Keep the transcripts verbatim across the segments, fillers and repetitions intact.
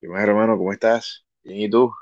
Y más, hermano, ¿cómo estás? Bien, ¿y tú?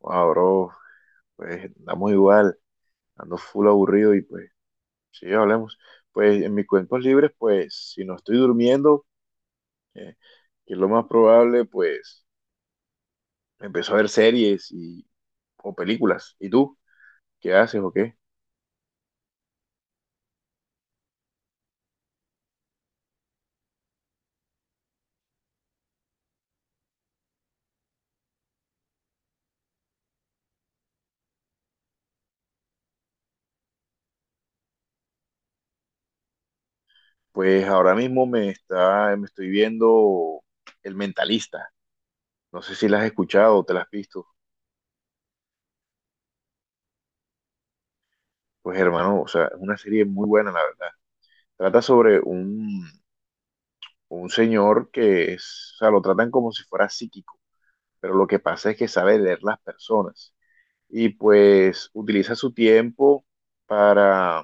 Wow, bro, pues andamos igual, ando full aburrido y pues, sí, hablemos. Pues en mis cuentos libres, pues, si no estoy durmiendo, eh, que es lo más probable, pues, empiezo a ver series y, o películas. ¿Y tú? ¿Qué haces o qué? Pues ahora mismo me está, me estoy viendo El Mentalista. No sé si la has escuchado o te la has visto. Pues hermano, o sea, es una serie muy buena, la verdad. Trata sobre un un señor que es, o sea, lo tratan como si fuera psíquico, pero lo que pasa es que sabe leer las personas y pues utiliza su tiempo para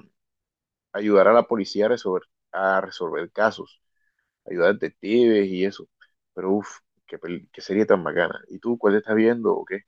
ayudar a la policía a resolver, a resolver casos, ayudar a detectives y eso. Pero uff, qué, peli- qué serie tan bacana. ¿Y tú cuál estás viendo o qué?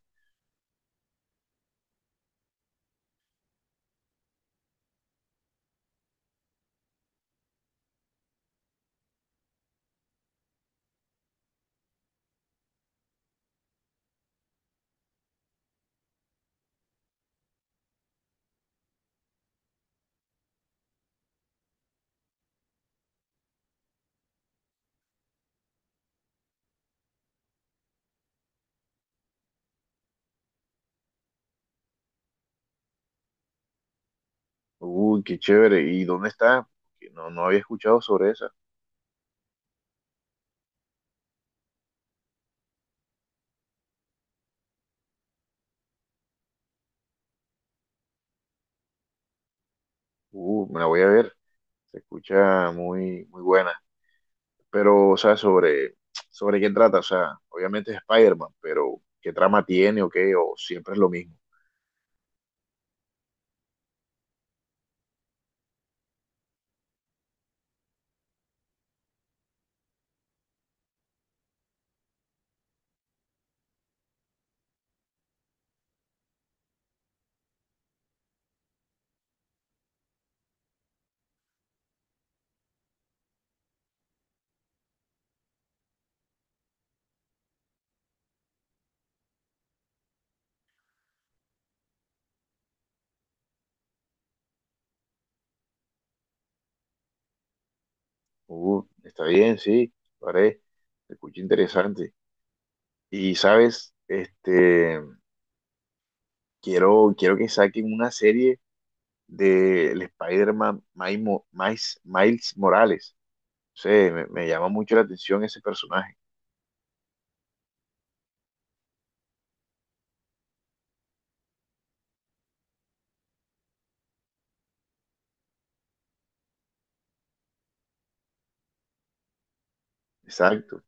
Uy, qué chévere. ¿Y dónde está? Porque no, no había escuchado sobre esa. Uh, me la voy a ver. Se escucha muy, muy buena. Pero, o sea, sobre, sobre qué trata, o sea, obviamente es Spider-Man, pero ¿qué trama tiene o qué? ¿O siempre es lo mismo? Uh, está bien, sí, lo haré. Se escucha interesante. Y, ¿sabes? Este, quiero, quiero que saquen una serie del Spider-Man Maimo- Miles, Miles Morales. No sé, me, me llama mucho la atención ese personaje. Exacto.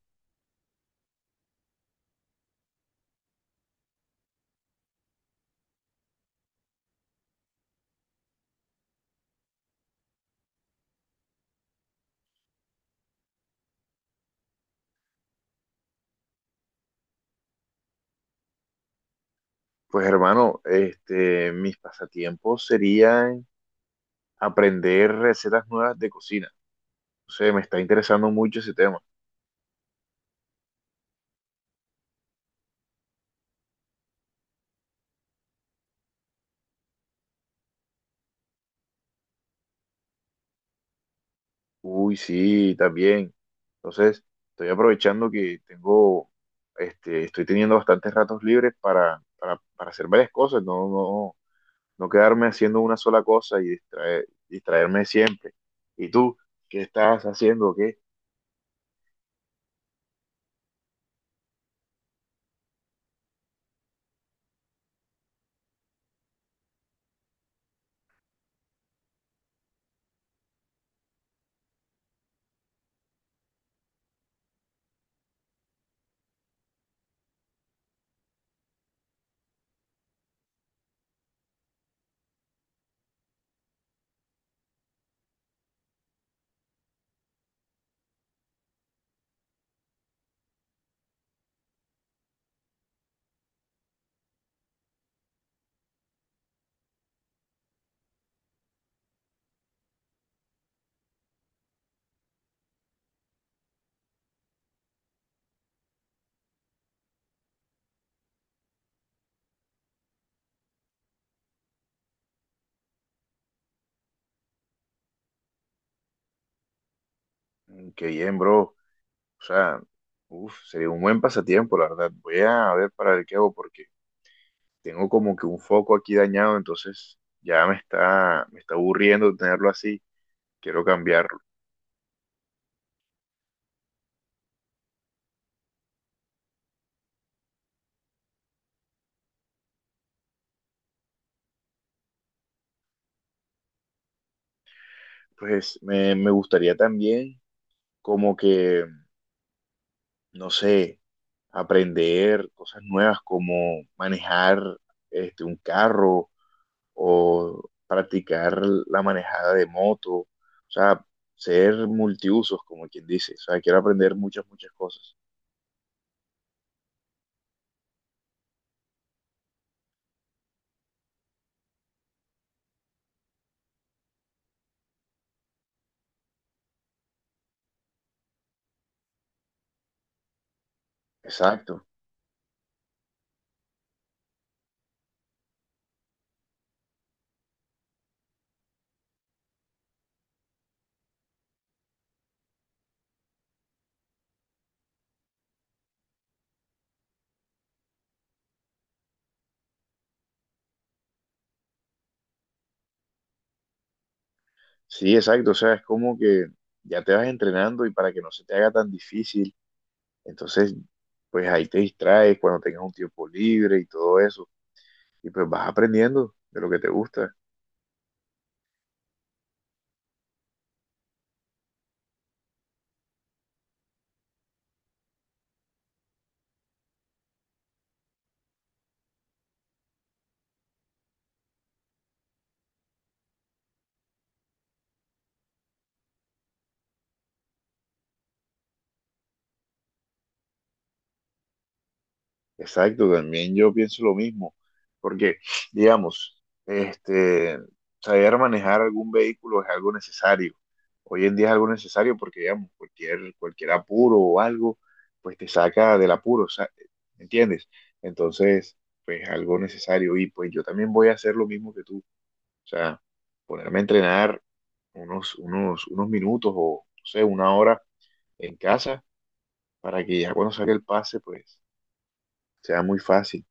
Pues hermano, este, mis pasatiempos serían aprender recetas nuevas de cocina. No sé, me está interesando mucho ese tema. Uy, sí, también. Entonces, estoy aprovechando que tengo, este, estoy teniendo bastantes ratos libres para, para, para hacer varias cosas, no, no, no quedarme haciendo una sola cosa y distraer- distraerme siempre. ¿Y tú, qué estás haciendo? ¿Qué? Mm, qué bien, bro. O sea, uf, sería un buen pasatiempo, la verdad. Voy a ver para ver qué hago porque tengo como que un foco aquí dañado, entonces ya me está, me está aburriendo tenerlo así. Quiero cambiarlo. Pues me, me gustaría también como que, no sé, aprender cosas nuevas como manejar este, un carro o practicar la manejada de moto, o sea, ser multiusos, como quien dice, o sea, quiero aprender muchas, muchas cosas. Exacto, sí, exacto, o sea, es como que ya te vas entrenando y para que no se te haga tan difícil, entonces, pues ahí te distraes cuando tengas un tiempo libre y todo eso. Y pues vas aprendiendo de lo que te gusta. Exacto, también yo pienso lo mismo, porque, digamos, este, saber manejar algún vehículo es algo necesario. Hoy en día es algo necesario porque, digamos, cualquier, cualquier apuro o algo, pues te saca del apuro, sa- ¿entiendes? Entonces, pues algo necesario. Y pues yo también voy a hacer lo mismo que tú. O sea, ponerme a entrenar unos, unos, unos minutos o, no sé, una hora en casa para que ya cuando saque el pase, pues sea muy fácil.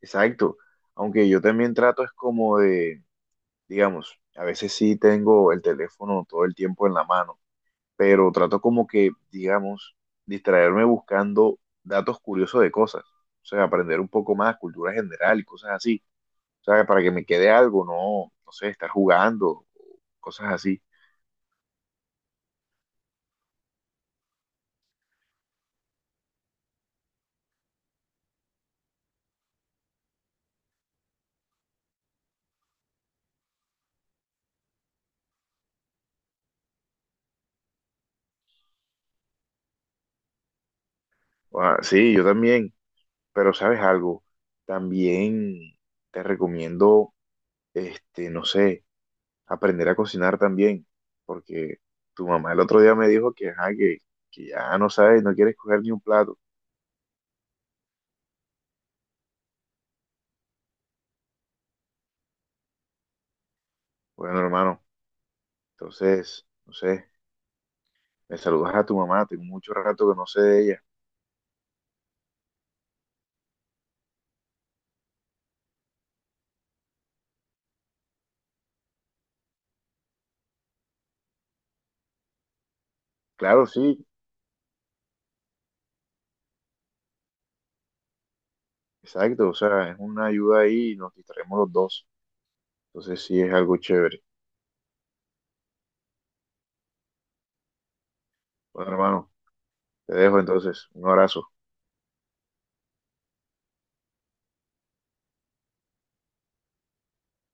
Exacto. Aunque yo también trato es como de, digamos, a veces sí tengo el teléfono todo el tiempo en la mano, pero trato como que, digamos, distraerme buscando datos curiosos de cosas. O sea, aprender un poco más, cultura general y cosas así. O sea, para que me quede algo, no, no sé, estar jugando, cosas así. Ah, sí, yo también, pero ¿sabes algo? También te recomiendo, este, no sé, aprender a cocinar también, porque tu mamá el otro día me dijo que, ajá, que, que ya no sabes, no quieres coger ni un plato. Bueno, hermano, entonces, no sé, me saludas a tu mamá, tengo mucho rato que no sé de ella. Claro, sí, exacto, o sea, es una ayuda ahí y nos distraemos los dos. Entonces sí es algo chévere. Bueno, hermano, te dejo entonces, un abrazo.